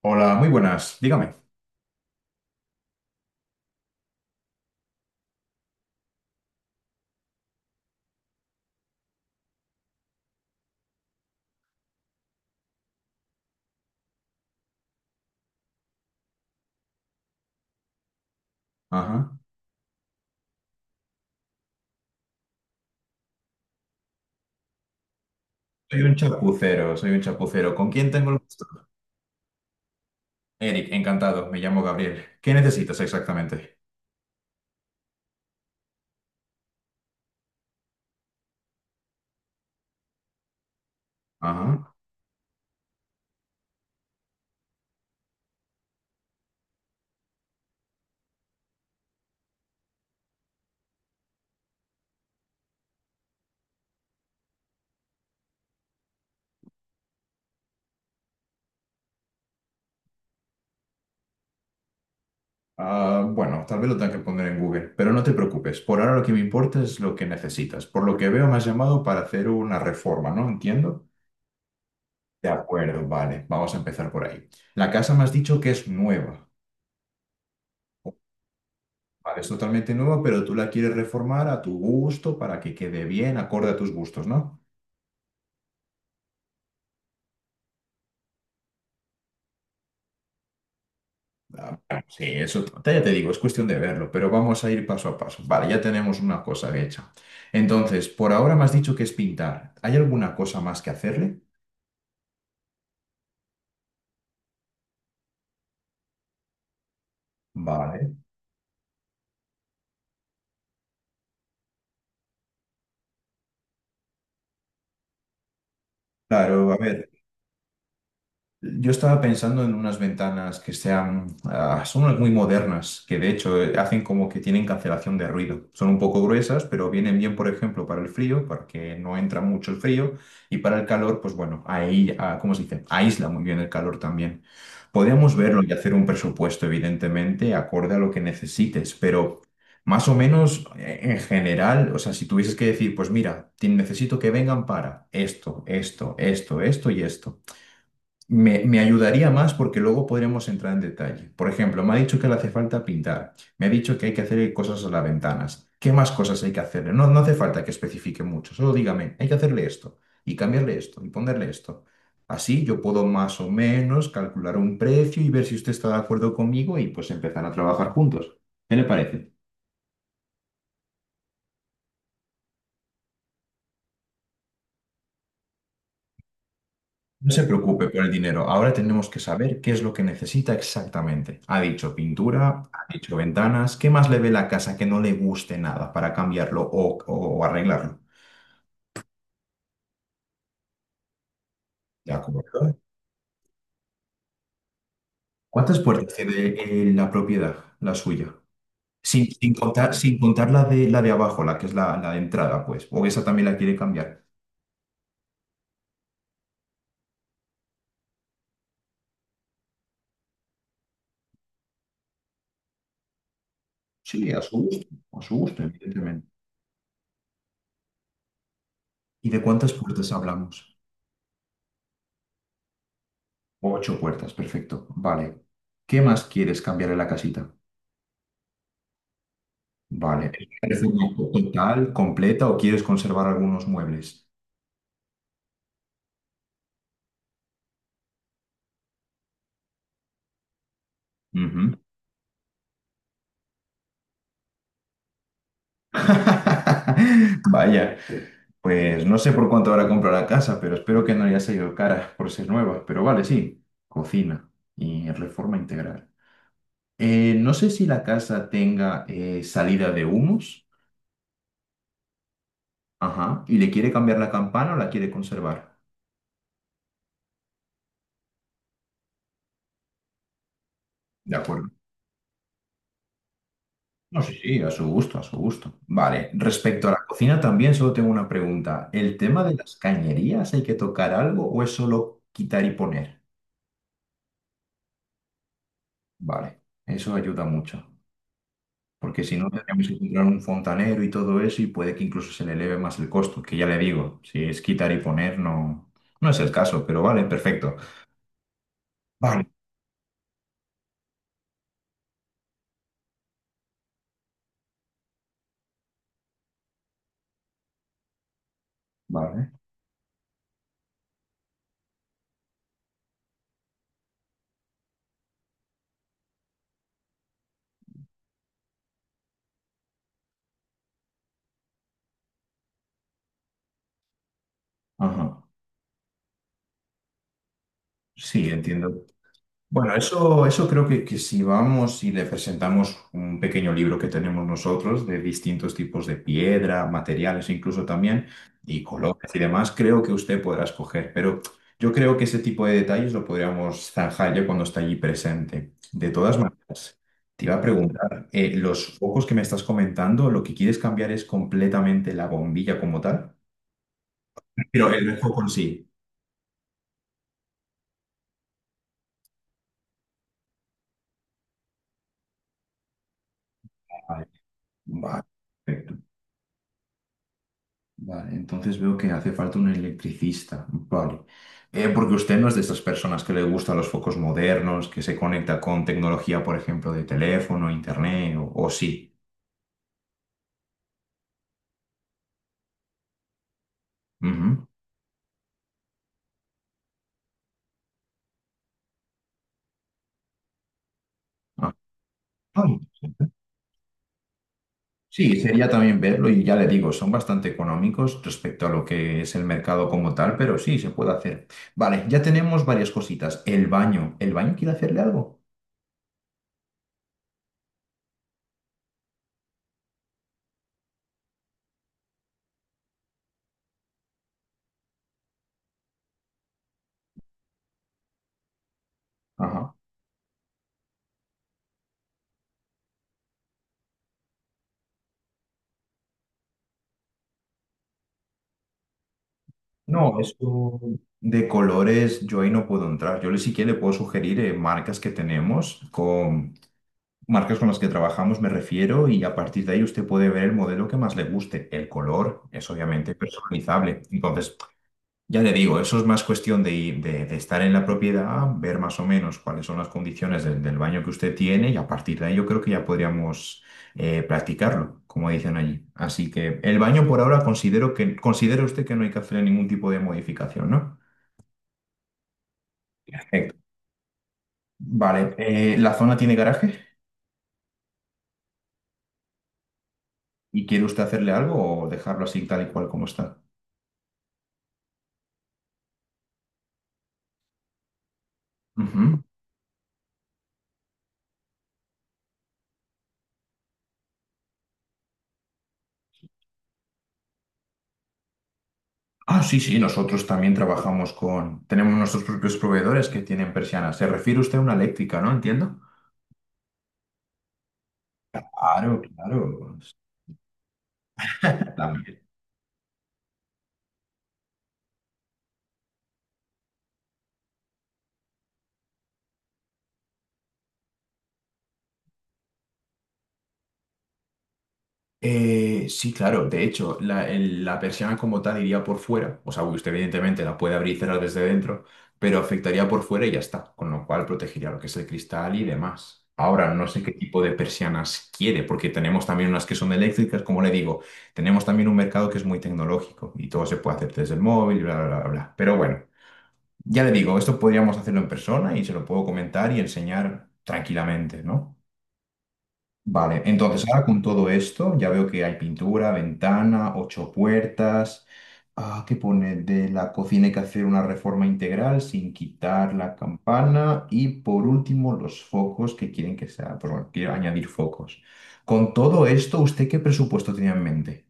Hola, muy buenas. Dígame. Ajá. Soy un chapucero, soy un chapucero. ¿Con quién tengo el gusto? Eric, encantado. Me llamo Gabriel. ¿Qué necesitas exactamente? Ajá. Ah, bueno, tal vez lo tenga que poner en Google, pero no te preocupes. Por ahora lo que me importa es lo que necesitas. Por lo que veo, me has llamado para hacer una reforma, ¿no? Entiendo. De acuerdo, vale. Vamos a empezar por ahí. La casa me has dicho que es nueva. Vale, es totalmente nueva, pero tú la quieres reformar a tu gusto para que quede bien, acorde a tus gustos, ¿no? Ah, ah, sí, eso ya te digo, es cuestión de verlo, pero vamos a ir paso a paso. Vale, ya tenemos una cosa hecha. Entonces, por ahora me has dicho que es pintar. ¿Hay alguna cosa más que hacerle? Vale. Claro, a ver. Yo estaba pensando en unas ventanas que sean, ah, son unas muy modernas, que de hecho hacen como que tienen cancelación de ruido. Son un poco gruesas, pero vienen bien, por ejemplo, para el frío, porque no entra mucho el frío, y para el calor, pues bueno, ahí, ah, ¿cómo se dice? Aísla muy bien el calor también. Podríamos verlo y hacer un presupuesto, evidentemente, acorde a lo que necesites, pero más o menos en general, o sea, si tuvieses que decir, pues mira, necesito que vengan para esto, esto, esto, esto y esto. Me ayudaría más porque luego podríamos entrar en detalle. Por ejemplo, me ha dicho que le hace falta pintar, me ha dicho que hay que hacer cosas a las ventanas. ¿Qué más cosas hay que hacerle? No, no hace falta que especifique mucho, solo dígame, hay que hacerle esto y cambiarle esto y ponerle esto. Así yo puedo más o menos calcular un precio y ver si usted está de acuerdo conmigo y pues empezar a trabajar juntos. ¿Qué le parece? No se preocupe por el dinero. Ahora tenemos que saber qué es lo que necesita exactamente. Ha dicho pintura, ha dicho ventanas. ¿Qué más le ve la casa que no le guste nada para cambiarlo o, o arreglarlo? De acuerdo. ¿Cuántas puertas tiene la propiedad, la suya? Sin contar, sin contar la de abajo, la que es la, la de entrada, pues. O esa también la quiere cambiar. Sí, a su gusto, evidentemente. ¿Y de cuántas puertas hablamos? 8 puertas, perfecto. Vale. ¿Qué más quieres cambiar en la casita? Vale. ¿Te parece una foto total, completa o quieres conservar algunos muebles? Ujú. Vaya, pues no sé por cuánto ahora comprado la casa, pero espero que no haya salido cara por ser nueva. Pero vale, sí, cocina y reforma integral. No sé si la casa tenga salida de humos, ajá, y le quiere cambiar la campana o la quiere conservar. De acuerdo. No, sí, sí, a su gusto, a su gusto. Vale, respecto a la cocina también solo tengo una pregunta. ¿El tema de las cañerías hay que tocar algo o es solo quitar y poner? Vale, eso ayuda mucho, porque si no tendríamos que comprar un fontanero y todo eso y puede que incluso se le eleve más el costo, que ya le digo, si es quitar y poner no, no es el caso, pero vale, perfecto. Vale, vale. Ajá. Sí, entiendo. Bueno, eso creo que si vamos y le presentamos un pequeño libro que tenemos nosotros de distintos tipos de piedra, materiales incluso también, y colores y demás, creo que usted podrá escoger. Pero yo creo que ese tipo de detalles lo podríamos zanjar ya cuando está allí presente. De todas maneras, te iba a preguntar, los focos que me estás comentando, lo que quieres cambiar es completamente la bombilla como tal, pero el foco en sí. Vale. Vale. Vale, entonces veo que hace falta un electricista. Vale. Porque usted no es de esas personas que le gustan los focos modernos, que se conecta con tecnología, por ejemplo, de teléfono, internet, o sí. Ujú. Ah, ah, interesante. Sí, sería también verlo y ya le digo, son bastante económicos respecto a lo que es el mercado como tal, pero sí, se puede hacer. Vale, ya tenemos varias cositas. El baño. ¿El baño quiere hacerle algo? Ajá. No, eso de colores yo ahí no puedo entrar. Yo le sí que le puedo sugerir marcas que tenemos, con marcas con las que trabajamos me refiero, y a partir de ahí usted puede ver el modelo que más le guste. El color es obviamente personalizable. Entonces, ya te digo, eso es más cuestión de, de estar en la propiedad, ver más o menos cuáles son las condiciones del, del baño que usted tiene y a partir de ahí yo creo que ya podríamos practicarlo, como dicen allí. Así que el baño por ahora considero que, considera usted que no hay que hacer ningún tipo de modificación, ¿no? Perfecto. Vale, ¿la zona tiene garaje? ¿Y quiere usted hacerle algo o dejarlo así tal y cual como está? Ujú. Ah, sí, sí, nosotros también trabajamos con, tenemos nuestros propios proveedores que tienen persianas. Se refiere usted a una eléctrica, ¿no? Entiendo. Claro, claro. También. Sí, claro. De hecho, la, la persiana como tal iría por fuera. O sea, usted evidentemente la puede abrir y cerrar desde dentro, pero afectaría por fuera y ya está. Con lo cual protegería lo que es el cristal y demás. Ahora, no sé qué tipo de persianas quiere, porque tenemos también unas que son eléctricas, como le digo. Tenemos también un mercado que es muy tecnológico y todo se puede hacer desde el móvil, bla, bla, bla, bla. Pero bueno, ya le digo, esto podríamos hacerlo en persona y se lo puedo comentar y enseñar tranquilamente, ¿no? Vale, entonces ahora con todo esto ya veo que hay pintura, ventana, 8 puertas. Ah, ¿qué pone? De la cocina hay que hacer una reforma integral sin quitar la campana. Y por último, los focos que quieren que sea, pues bueno, quiero añadir focos. Con todo esto, ¿usted qué presupuesto tenía en mente?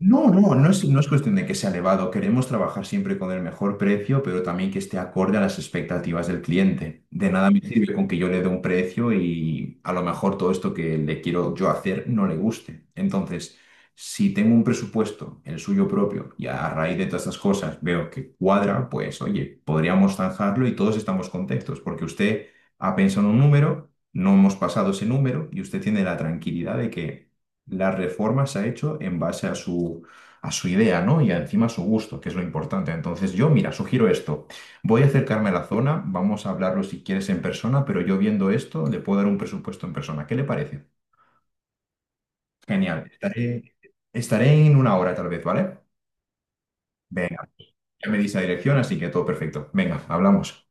No, no, no es, no es cuestión de que sea elevado. Queremos trabajar siempre con el mejor precio, pero también que esté acorde a las expectativas del cliente. De nada me sirve con que yo le dé un precio y a lo mejor todo esto que le quiero yo hacer no le guste. Entonces, si tengo un presupuesto, el suyo propio, y a raíz de todas estas cosas veo que cuadra, pues oye, podríamos zanjarlo y todos estamos contentos, porque usted ha pensado en un número, no hemos pasado ese número y usted tiene la tranquilidad de que la reforma se ha hecho en base a su idea, ¿no? Y encima a su gusto, que es lo importante. Entonces yo, mira, sugiero esto. Voy a acercarme a la zona, vamos a hablarlo si quieres en persona, pero yo viendo esto le puedo dar un presupuesto en persona. ¿Qué le parece? Genial. Estaré en 1 hora tal vez, ¿vale? Venga, ya me dice la dirección, así que todo perfecto. Venga, hablamos.